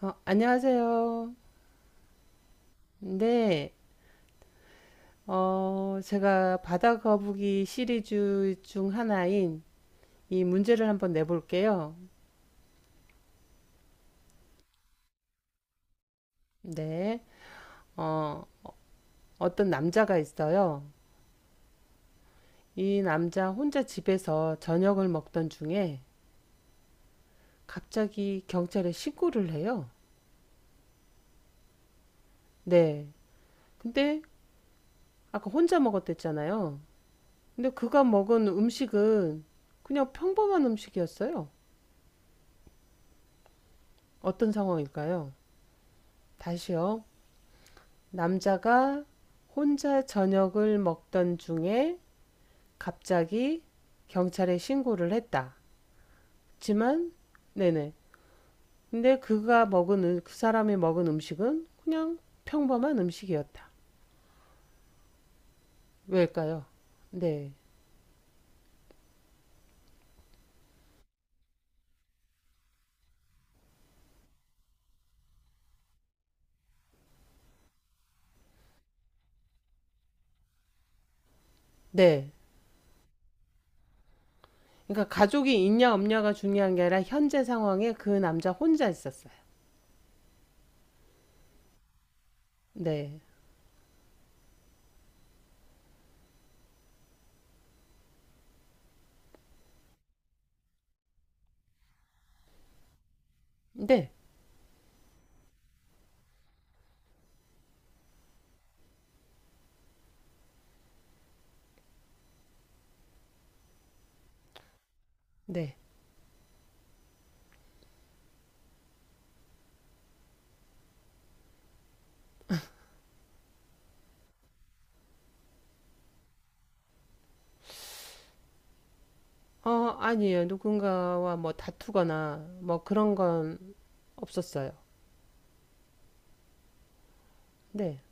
안녕하세요. 네, 제가 바다 거북이 시리즈 중 하나인 이 문제를 한번 내볼게요. 네, 어, 어떤 남자가 있어요. 이 남자 혼자 집에서 저녁을 먹던 중에 갑자기 경찰에 신고를 해요. 네, 근데 아까 혼자 먹었댔잖아요. 근데 그가 먹은 음식은 그냥 평범한 음식이었어요. 어떤 상황일까요? 다시요. 남자가 혼자 저녁을 먹던 중에 갑자기 경찰에 신고를 했다. 하지만 네네. 근데 그가 먹은 그 사람이 먹은 음식은 그냥 평범한 음식이었다. 왜일까요? 네. 네. 그러니까 가족이 있냐 없냐가 중요한 게 아니라 현재 상황에 그 남자 혼자 있었어요. 네. 네. 네. 어, 아니에요. 누군가와 뭐 다투거나 뭐 그런 건 없었어요. 네.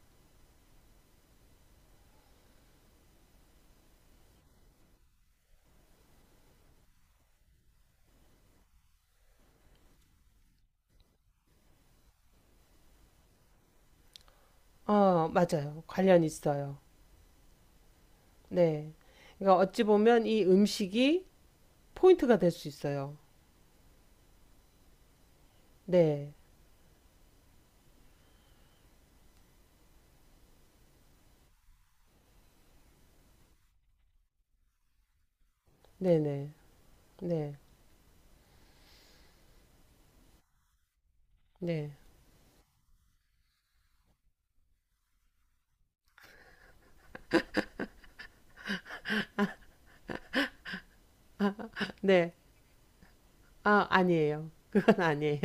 어 맞아요. 관련 있어요. 네. 그러니까 어찌 보면 이 음식이 포인트가 될 수 있어요. 네. 네네. 네. 네. 네. 아, 아니에요. 그건 아니에요.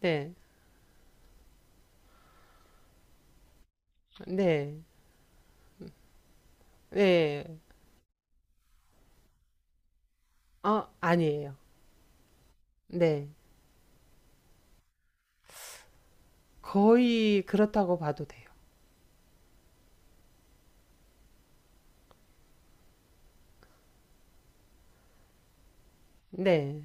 네. 네. 네. 아, 아니에요. 네. 거의 그렇다고 봐도 돼요. 네.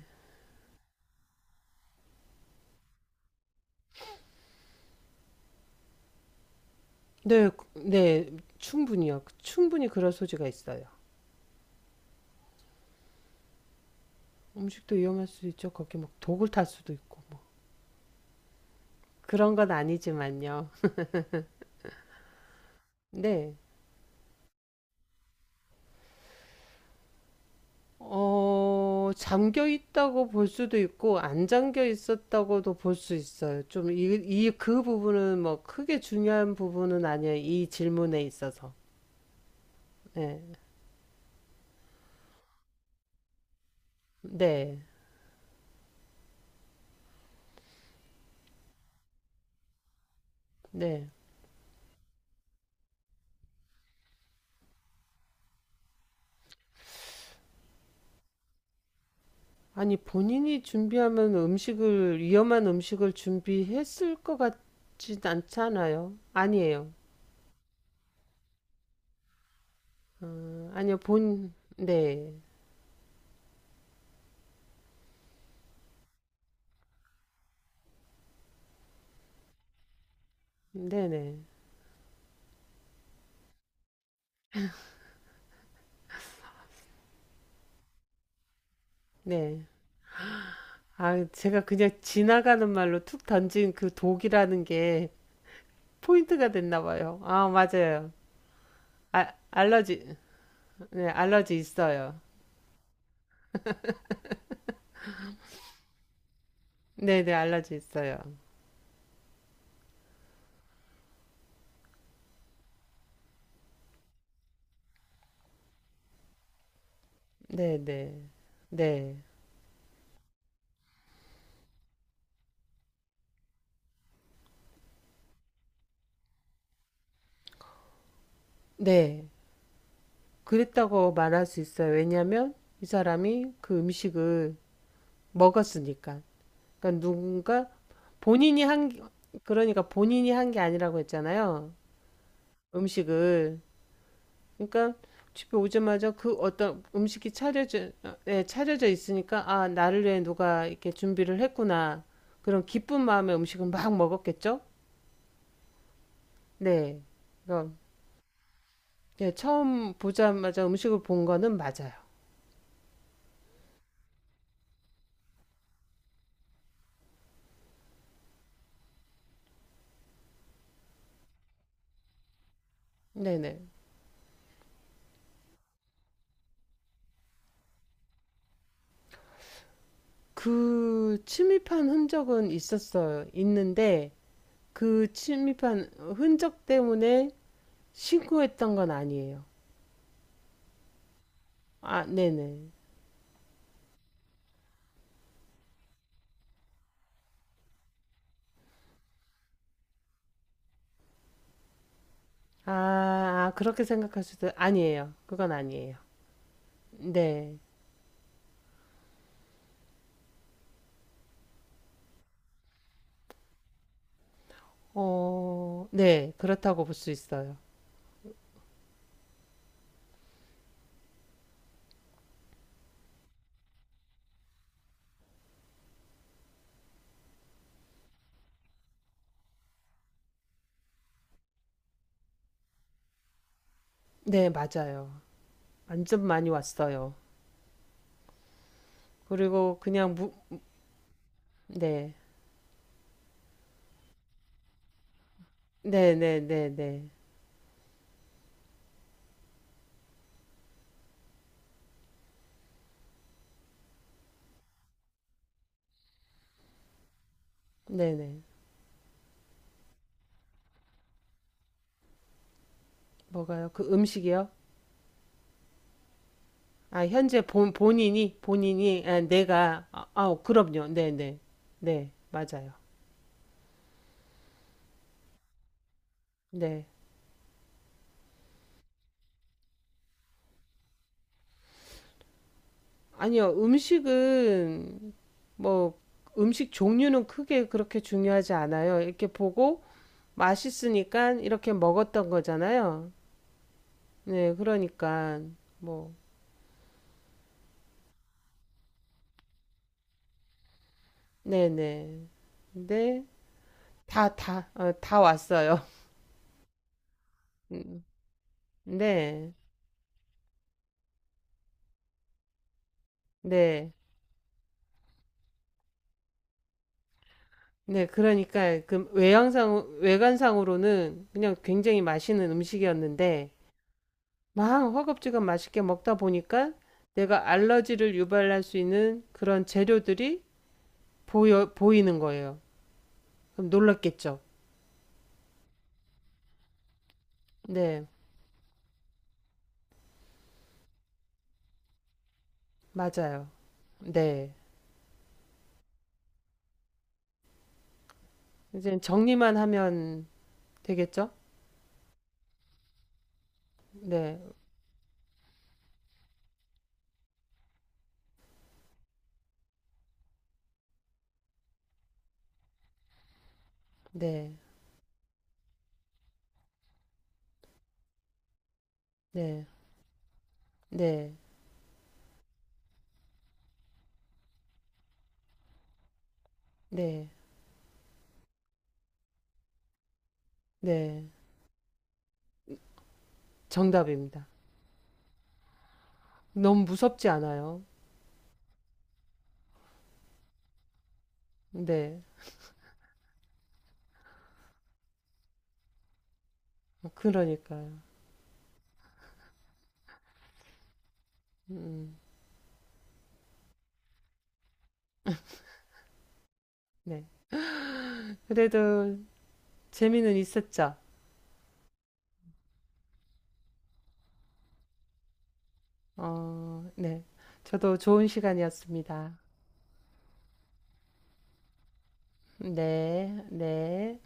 네. 네. 충분히요. 충분히 그럴 소지가 있어요. 음식도 위험할 수 있죠. 거기 막 독을 탈 수도 있고 뭐. 그런 건 아니지만요. 네. 어, 잠겨 있다고 볼 수도 있고, 안 잠겨 있었다고도 볼 수 있어요. 좀 그 부분은 뭐 크게 중요한 부분은 아니에요. 이 질문에 있어서. 네. 네. 네. 아니, 본인이 준비하면 음식을, 위험한 음식을 준비했을 것 같진 않잖아요. 아니에요. 네. 네네. 네. 네. 아, 제가 그냥 지나가는 말로 툭 던진 그 독이라는 게 포인트가 됐나 봐요. 아, 맞아요. 아, 알러지, 네, 알러지 있어요. 네네, 알러지 있어요. 네네, 네, 네. 네. 그랬다고 말할 수 있어요. 왜냐면 이 사람이 그 음식을 먹었으니까. 그러니까 누군가 본인이 한, 게- 그러니까 본인이 한 게 아니라고 했잖아요. 음식을. 그러니까 집에 오자마자 그 어떤 음식이 차려져, 네 차려져 있으니까 아, 나를 위해 누가 이렇게 준비를 했구나. 그런 기쁜 마음에 음식을 막 먹었겠죠? 네. 그럼 예, 처음 보자마자 음식을 본 거는 맞아요. 네네. 그 침입한 흔적은 있었어요. 있는데 그 침입한 흔적 때문에 신고했던 건 아니에요. 아, 네네. 아, 아, 그렇게 생각할 수도 아니에요. 그건 아니에요. 네. 어, 네, 그렇다고 볼 수 있어요. 네, 맞아요. 완전 많이 왔어요. 그리고 그냥 무, 네, 네, 네, 네, 네, 네, 네. 뭐가요? 그 음식이요? 아, 현재 본인이, 본인이, 아, 내가, 아, 아, 그럼요. 네, 네, 네, 맞아요. 네. 아니요, 음식은, 뭐, 음식 종류는 크게 그렇게 중요하지 않아요. 이렇게 보고 맛있으니까 이렇게 먹었던 거잖아요. 네, 그러니까, 뭐. 네네. 네. 다 왔어요. 음, 네. 네. 네. 그러니까 그 외양상, 외관상으로는 그냥 굉장히 맛있는 음식이었는데 막 허겁지겁 맛있게 먹다 보니까 내가 알러지를 유발할 수 있는 그런 재료들이 보이는 거예요. 그럼 놀랐겠죠? 네. 맞아요. 네. 이제 정리만 하면 되겠죠? 네. 네. 네. 네. 네. 네. 정답입니다. 너무 무섭지 않아요. 네, 그러니까요. 음, 네. 그래도 재미는 있었죠. 어, 네. 저도 좋은 시간이었습니다. 네, 네.